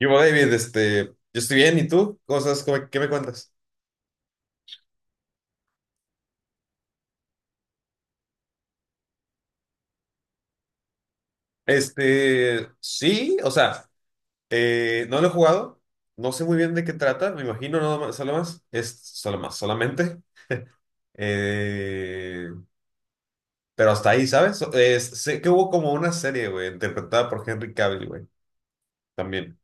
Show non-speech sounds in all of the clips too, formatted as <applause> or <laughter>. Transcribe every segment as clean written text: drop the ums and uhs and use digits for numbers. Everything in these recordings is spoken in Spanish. Yo, David, yo estoy bien, ¿y tú? ¿Cosas, qué me cuentas? Sí, o sea, no lo he jugado, no sé muy bien de qué trata, me imagino nada más, solo más, es solo más, solamente, eh, pero hasta ahí, ¿sabes? Sé que hubo como una serie, güey, interpretada por Henry Cavill, güey, también.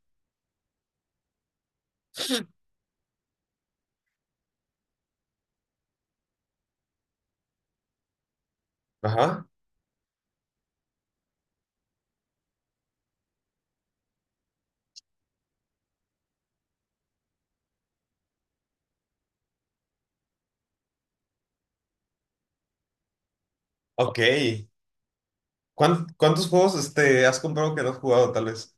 Ajá, ok. ¿Cuántos juegos, has comprado que no has jugado, tal vez?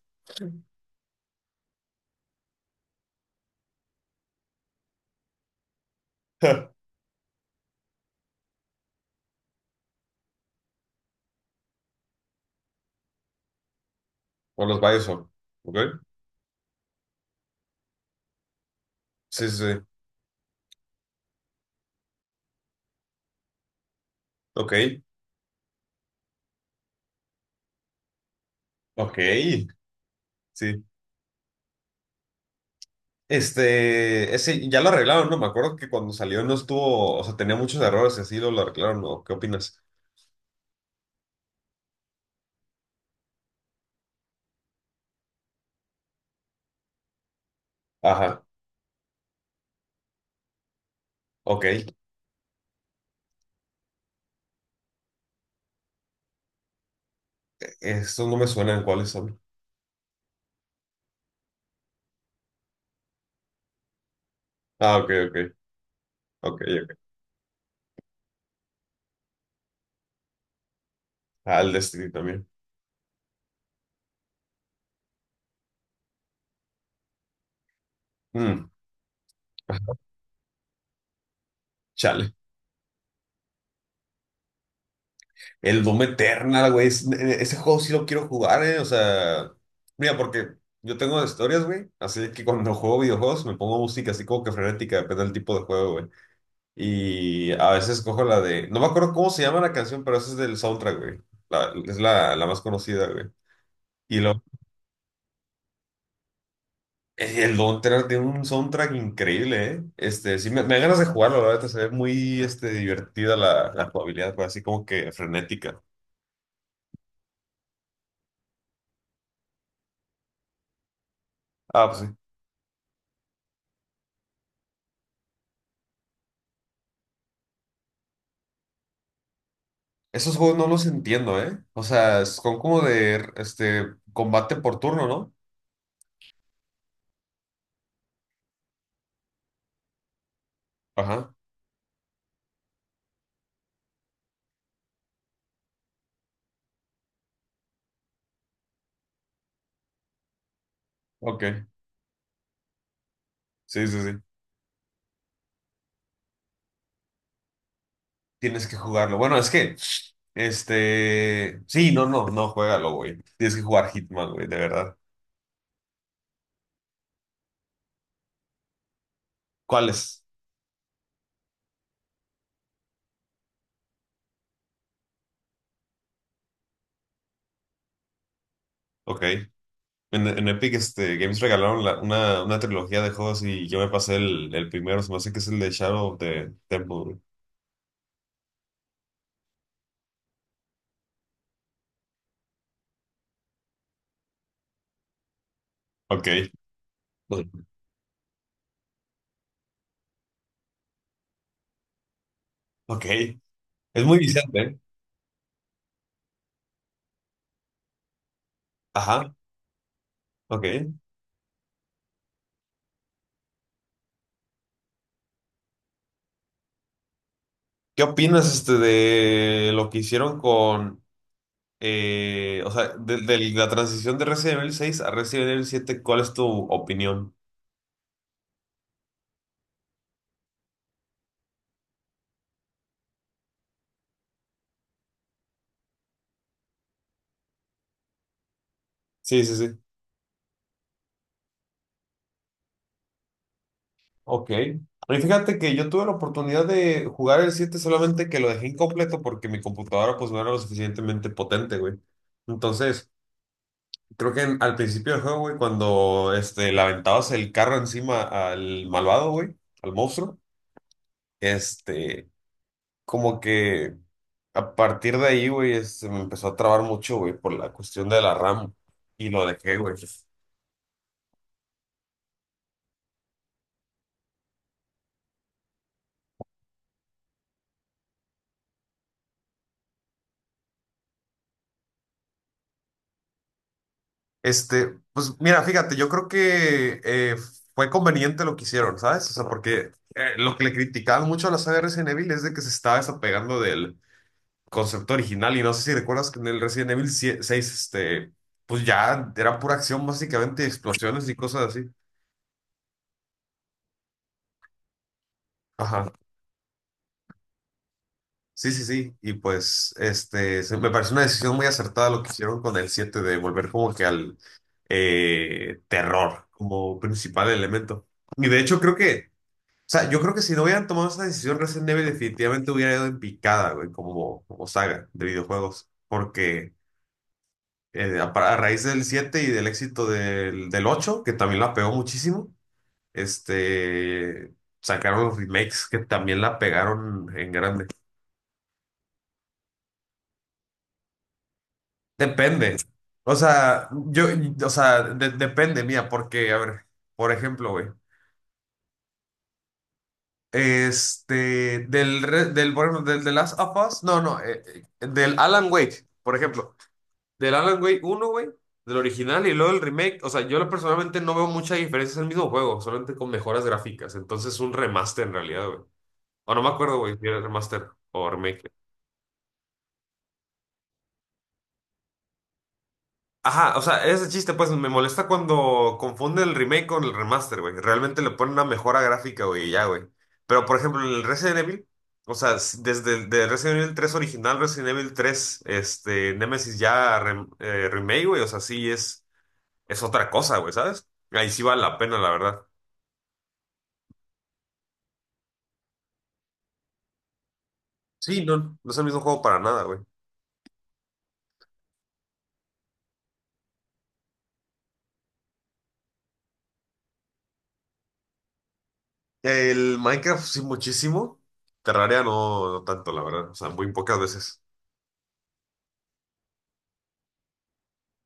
<laughs> O los bioshock son, ¿ok? Sí, sí, sí, ok, ok, sí. Ese ya lo arreglaron, ¿no? Me acuerdo que cuando salió no estuvo, o sea, tenía muchos errores y así lo arreglaron, ¿no? ¿Qué opinas? Ajá, ok. Estos no me suenan, ¿cuáles son? Ah, ok, ok, ok, ok. Ah, el Destiny también. Mm, chale. El Doom Eternal, güey. Ese juego sí lo quiero jugar, ¿eh? O sea, mira, porque yo tengo historias, güey. Así que cuando juego videojuegos me pongo música así como que frenética, depende del tipo de juego, güey. Y a veces cojo la de. No me acuerdo cómo se llama la canción, pero esa es del soundtrack, güey. Es la más conocida, güey. Y lo, el Don't Tread tiene un soundtrack increíble, ¿eh? Sí, me dan ganas de jugarlo, la verdad. Se ve muy divertida la jugabilidad, pues, así como que frenética. Ah, pues sí. Esos juegos no los entiendo, ¿eh? O sea, son como de combate por turno, ¿no? Ajá. Ok. Sí, sí, sí. Tienes que jugarlo. Bueno, es que, sí, no, no, no, juégalo, güey. Tienes que jugar Hitman, güey, de verdad. ¿Cuáles? Ok. En Epic Games regalaron una trilogía de juegos y yo me pasé el primero, se me hace que es el de Shadow of the Temple, güey. Ok. Bueno, ok. Es muy viciante, ¿eh? Ajá, ok. ¿Qué opinas de lo que hicieron con, o sea, de la transición de Resident Evil 6 a Resident Evil 7? ¿Cuál es tu opinión? Sí, sí, sí. Ok. Y fíjate que yo tuve la oportunidad de jugar el 7, solamente que lo dejé incompleto porque mi computadora pues no era lo suficientemente potente, güey. Entonces, creo que al principio del juego, güey, cuando le aventabas el carro encima al malvado, güey, al monstruo, este, como que a partir de ahí, güey, se me empezó a trabar mucho, güey, por la cuestión de la RAM y lo dejé, güey. Pues mira, fíjate, yo creo que fue conveniente lo que hicieron, ¿sabes? O sea, porque lo que le criticaban mucho a la saga Resident Evil es de que se estaba desapegando del concepto original, y no sé si recuerdas que en el Resident Evil seis pues ya era pura acción básicamente, explosiones y cosas así. Ajá, sí, sí, sí. Y pues, me parece una decisión muy acertada lo que hicieron con el 7 de volver como que al terror como principal elemento. Y de hecho creo que sea, yo creo que si no hubieran tomado esa decisión, Resident Evil definitivamente hubiera ido en picada, güey, como saga de videojuegos. Porque a raíz del 7 y del éxito del 8, que también la pegó muchísimo, este, sacaron los remakes que también la pegaron en grande. Depende. O sea, yo, o sea, depende, mía, porque, a ver, por ejemplo, güey. Por ejemplo, del The Last of Us, no, no, del Alan Wake, por ejemplo. Del Alan Wake 1, güey, del original y luego el remake. O sea, personalmente no veo mucha diferencia, es el mismo juego, solamente con mejoras gráficas. Entonces, un remaster en realidad, güey. O no me acuerdo, güey, si era remaster o remake. Ajá, o sea, ese chiste, pues me molesta cuando confunden el remake con el remaster, güey. Realmente le ponen una mejora gráfica, güey, y ya, güey. Pero, por ejemplo, en el Resident Evil, o sea, desde el de Resident Evil 3 original, Resident Evil 3 Nemesis ya remake, güey, o sea, sí es. Es otra cosa, güey, ¿sabes? Ahí sí vale la pena, la verdad. Sí, no, no es el mismo juego para nada, güey. El Minecraft sí muchísimo, Terraria no, no tanto, la verdad, o sea, muy pocas veces.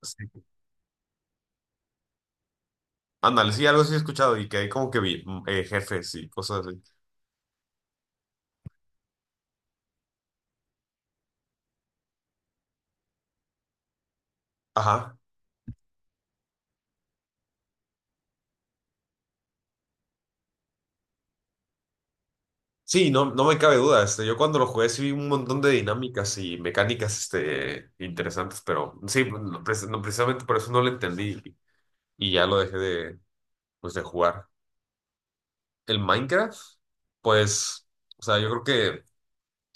Sí. Ándale, sí, algo sí he escuchado y que hay como que vi jefes y cosas así. Ajá. Sí, no, no me cabe duda, yo cuando lo jugué sí vi un montón de dinámicas y mecánicas, interesantes, pero sí, no, precisamente por eso no lo entendí y ya lo dejé de, pues, de jugar. El Minecraft, pues, o sea, yo creo que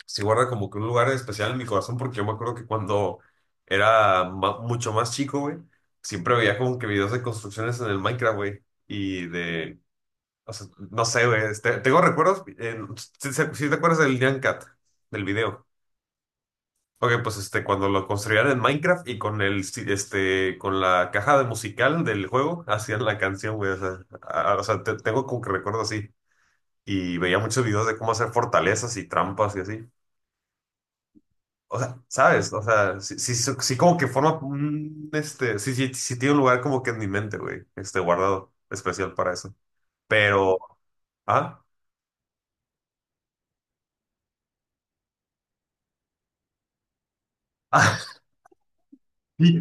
sí guarda como que un lugar especial en mi corazón, porque yo me acuerdo que cuando era mucho más chico, güey, siempre veía como que videos de construcciones en el Minecraft, güey, y de, o sea, no sé, güey, tengo recuerdos, si te acuerdas del Nyan Cat, del video. Ok, pues cuando lo construían en Minecraft y con el, con la caja de musical del juego, hacían la canción, güey, o sea, o sea, tengo como que recuerdo así, y veía muchos videos de cómo hacer fortalezas y trampas y así. O sea, ¿sabes? O sea, sí, sí, sí, sí como que forma un, sí, sí, sí tiene un lugar como que en mi mente, güey, guardado especial para eso. Pero, ah, <laughs> sí,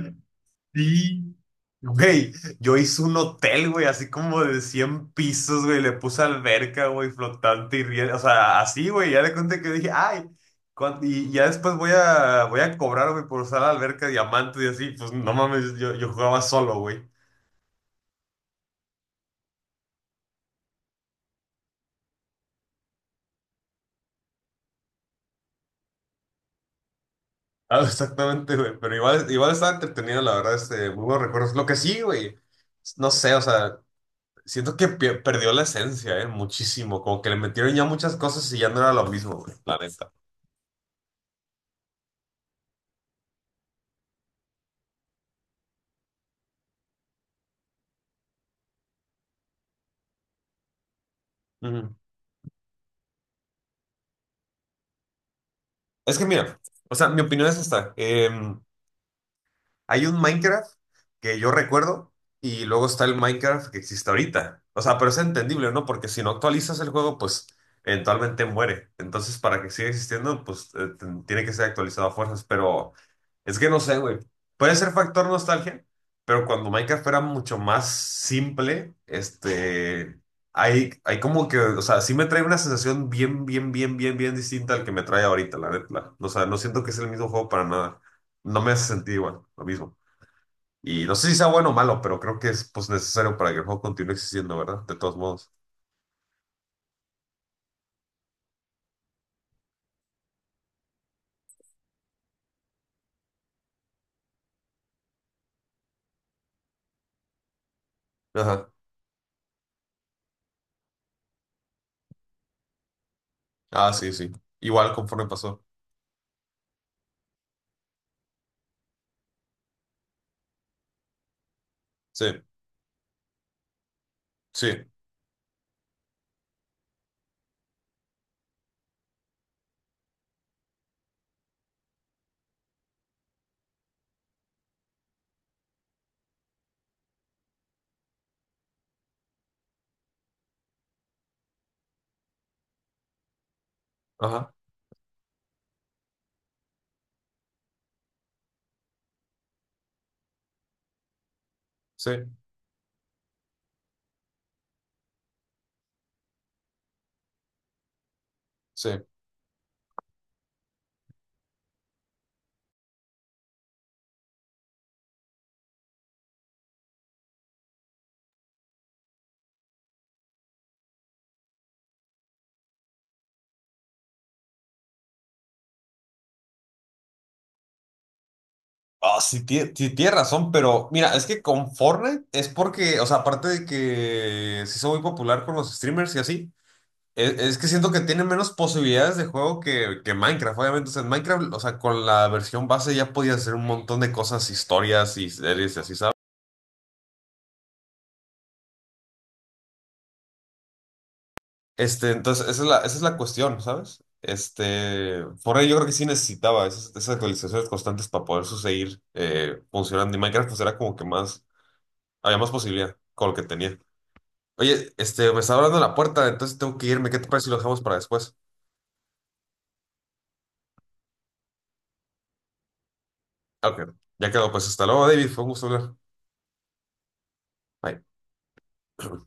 sí, güey, yo hice un hotel, güey, así como de 100 pisos, güey, le puse alberca, güey, flotante y riel, o sea, así, güey, ya le conté que dije, ay, y ya después voy a, voy a cobrar, güey, por usar la alberca diamante y así, pues no mames, yo jugaba solo, güey. Ah, exactamente, güey, pero igual, igual estaba entretenido, la verdad, muy buenos recuerdos. Lo que sí, güey, no sé, o sea, siento que perdió la esencia, muchísimo, como que le metieron ya muchas cosas y ya no era lo mismo, güey, la neta. Es que mira, o sea, mi opinión es esta. Hay un Minecraft que yo recuerdo, y luego está el Minecraft que existe ahorita. O sea, pero es entendible, ¿no? Porque si no actualizas el juego, pues eventualmente muere. Entonces, para que siga existiendo, pues tiene que ser actualizado a fuerzas. Pero es que no sé, güey. Puede ser factor nostalgia, pero cuando Minecraft era mucho más simple, hay como que, o sea, sí me trae una sensación bien, bien, bien, bien, bien distinta al que me trae ahorita, la neta. O sea, no siento que es el mismo juego para nada. No me hace sentir igual, lo mismo. Y no sé si sea bueno o malo, pero creo que es pues necesario para que el juego continúe existiendo, ¿verdad? De todos modos. Ajá. Ah, sí, sí. Igual conforme pasó. Sí, sí. Ajá. Sí, sí. Ah, sí, tiene razón, pero mira, es que con Fortnite es porque, o sea, aparte de que se hizo muy popular con los streamers y así, es que siento que tiene menos posibilidades de juego que Minecraft, obviamente. O sea, en Minecraft, o sea, con la versión base ya podías hacer un montón de cosas, historias y series y así, ¿sabes? Entonces, esa es esa es la cuestión, ¿sabes? Por ahí yo creo que sí necesitaba esas, esas actualizaciones constantes para poder seguir funcionando. Y Minecraft pues era como que más, había más posibilidad con lo que tenía. Oye, me está hablando la puerta, entonces tengo que irme. ¿Qué te parece si lo dejamos para después? Ah, ok, ya quedó. Pues hasta luego, David. Fue un gusto hablar. Bye. <clears throat>